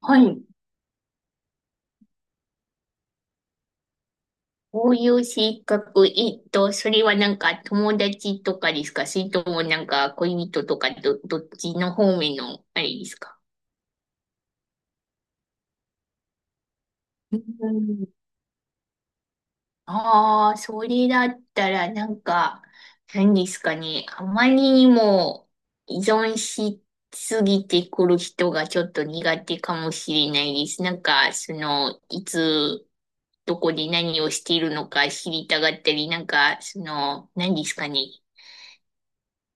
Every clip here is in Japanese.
はい。こういう性格、それはなんか友達とかですか？それともなんか恋人とかどっちの方面のあれですか？うん。ああ、それだったらなんか、何ですかね。あまりにも依存しすぎてくる人がちょっと苦手かもしれないです。なんか、その、いつ、どこで何をしているのか知りたがったり、なんか、その、何ですかね。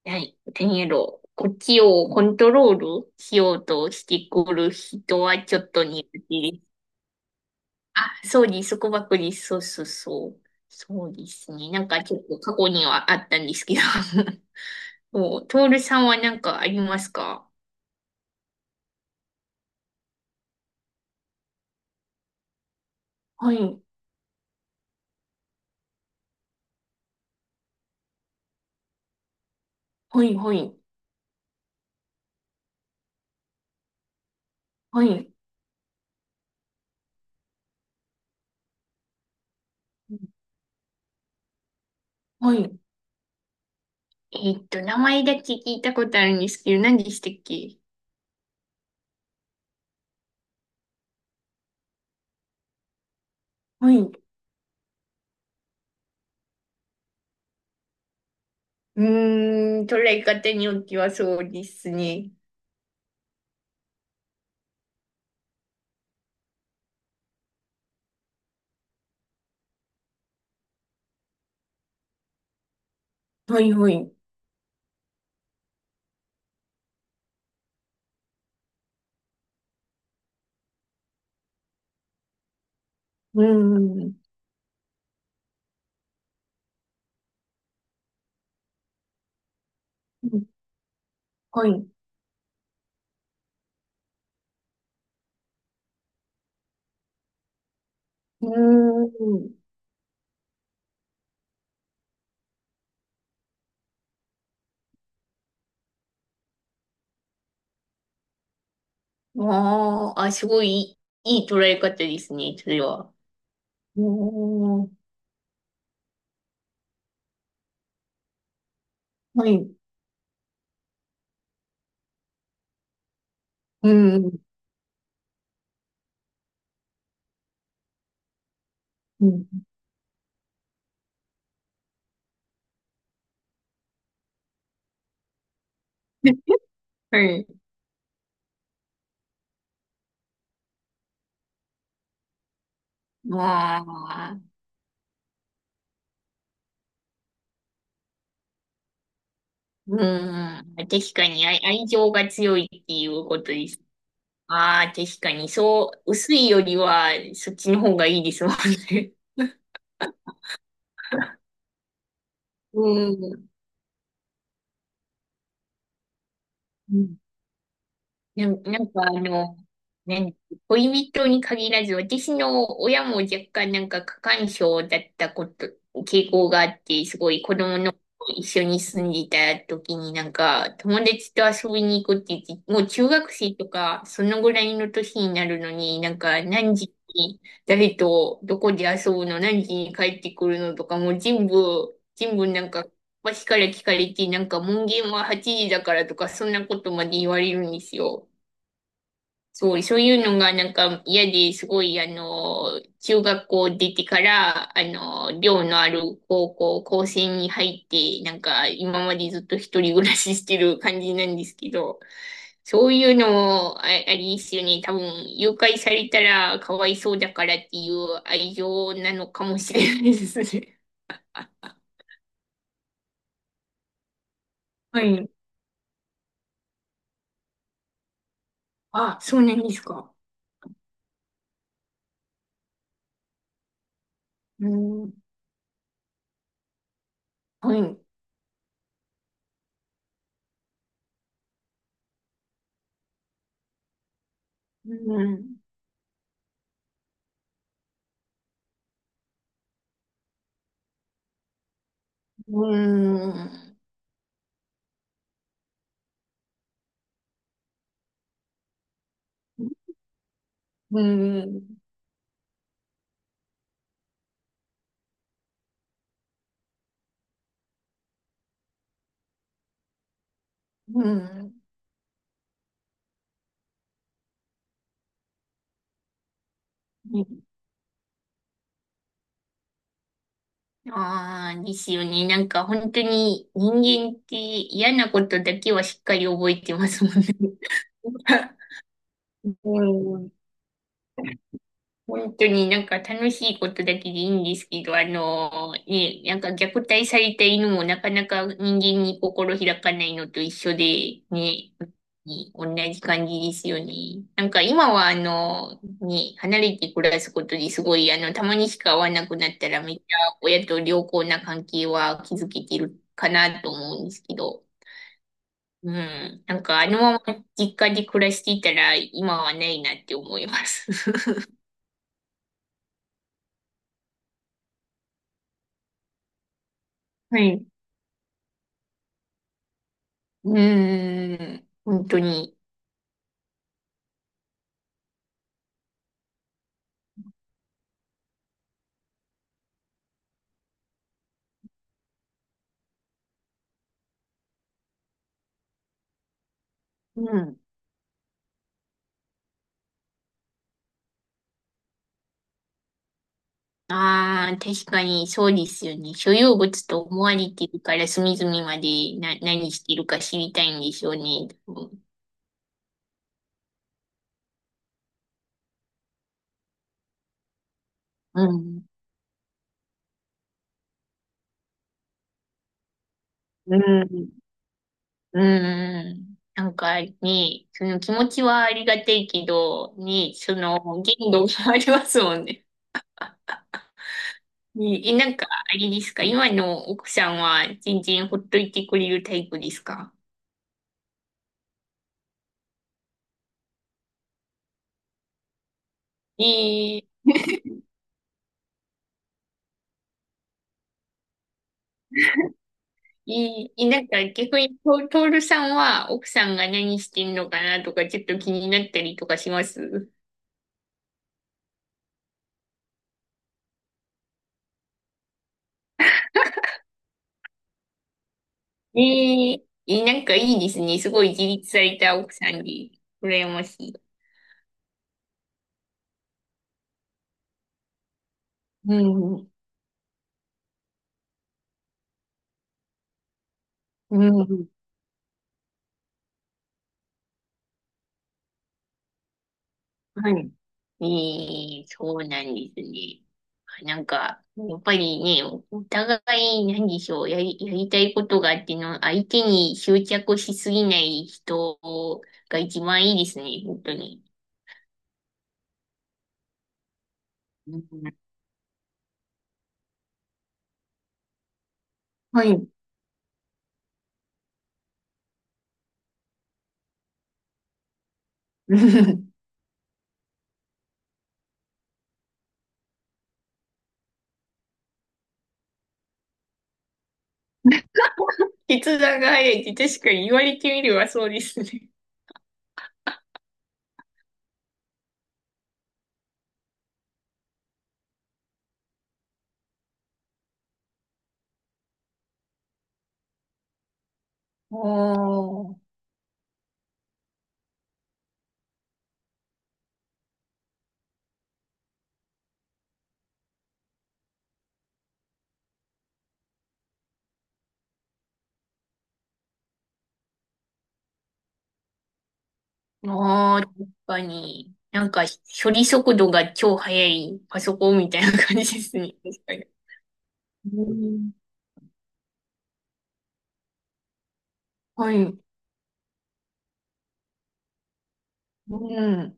はい。テニエロ、こっちをコントロールしようとしてくる人はちょっと苦手です。あ、そうです。束縛です。そうそうそう。そうですね。なんかちょっと過去にはあったんですけど。もう、トールさんは何かありますか？はい。はい、はい。はい。はい。名前だけ聞いたことあるんですけど、何でしたっけ？はい。うーん、捉え方によってはそうですね。はい、はい。うーん。はい。うーん。ああ、あ、すごいいい、いい捉え方ですね、それは。うーん。はい。うん。うん。はい。まあ、うーん。確かに愛情が強いっていうことです。ああ、確かに、そう、薄いよりは、そっちの方がいいですもんね。うん。うん。なんかあの、ね、恋人に限らず、私の親も若干なんか過干渉だったこと、傾向があって、すごい子供の頃一緒に住んでいた時になんか友達と遊びに行くって言って、もう中学生とかそのぐらいの年になるのになんか何時に誰とどこで遊ぶの、何時に帰ってくるのとかもう全部なんか私から聞かれて、なんか門限は8時だからとかそんなことまで言われるんですよ。そう、そういうのがなんか嫌ですごい、あの、中学校出てから、あの、寮のある高校、高専に入って、なんか今までずっと一人暮らししてる感じなんですけど、そういうのもあ、あれですよね。多分、誘拐されたらかわいそうだからっていう愛情なのかもしれないですね。はい。あ、そうなんですか？うん。はい。うん。うん。うん。うん。ああー、ですよね。なんか本当に人間って嫌なことだけはしっかり覚えてますもんね。うん。本当になんか楽しいことだけでいいんですけど、あのね、なんか虐待された犬もなかなか人間に心開かないのと一緒で、ね、同じ感じですよね。なんか今はあの、ね、離れて暮らすことですごい、あの、たまにしか会わなくなったらめっちゃ親と良好な関係は築けてるかなと思うんですけど、うん。なんかあのまま実家で暮らしていたら今はないなって思います。はい。うーん、本当に。うん。ああ、確かにそうですよね。所有物と思われてるから隅々までな、何してるか知りたいんでしょうね。うん。うん。うん。なんかね、その気持ちはありがたいけど、ね、その限度がありますもんね。ね、え、なんか、あれですか？今の奥さんは全然ほっといてくれるタイプですか？えー、いい。なんか逆にトールさんは奥さんが何してんのかなとかちょっと気になったりとかします？えええ、なんかいいですね。すごい自立された奥さんで、羨ましい。うん、うん、はい。ええ、そうなんですね。なんか、やっぱりね、おお互い、何でしょう、やりたいことがあっての、相手に執着しすぎない人が一番いいですね、本当に。うん。はい。筆談が早いって確かに言われてみればそうですね。おー、あー、確かに。なんか、処理速度が超速いパソコンみたいな感じですね。確かに。うん、はい。うん。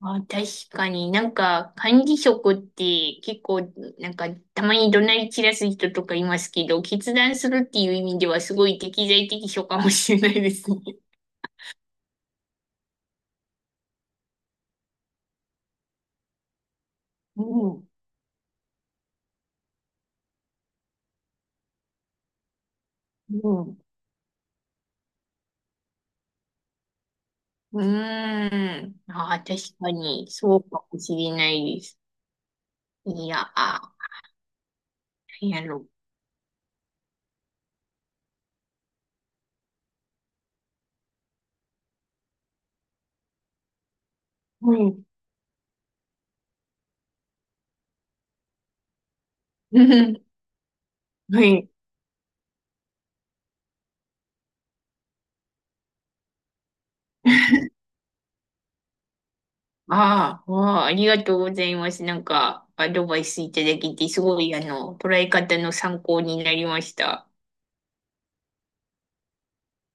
あ、確かになんか、管理職って結構、なんか、たまに怒鳴り散らす人とかいますけど、決断するっていう意味ではすごい適材適所かもしれないですね。うん、うん。うーん。ああ、確かに、そうかもしれないです。いや、あ、なんやろ。はい。うん。はい。ああ、わあ、ありがとうございます。なんか、アドバイスいただけて、すごい、あの、捉え方の参考になりました。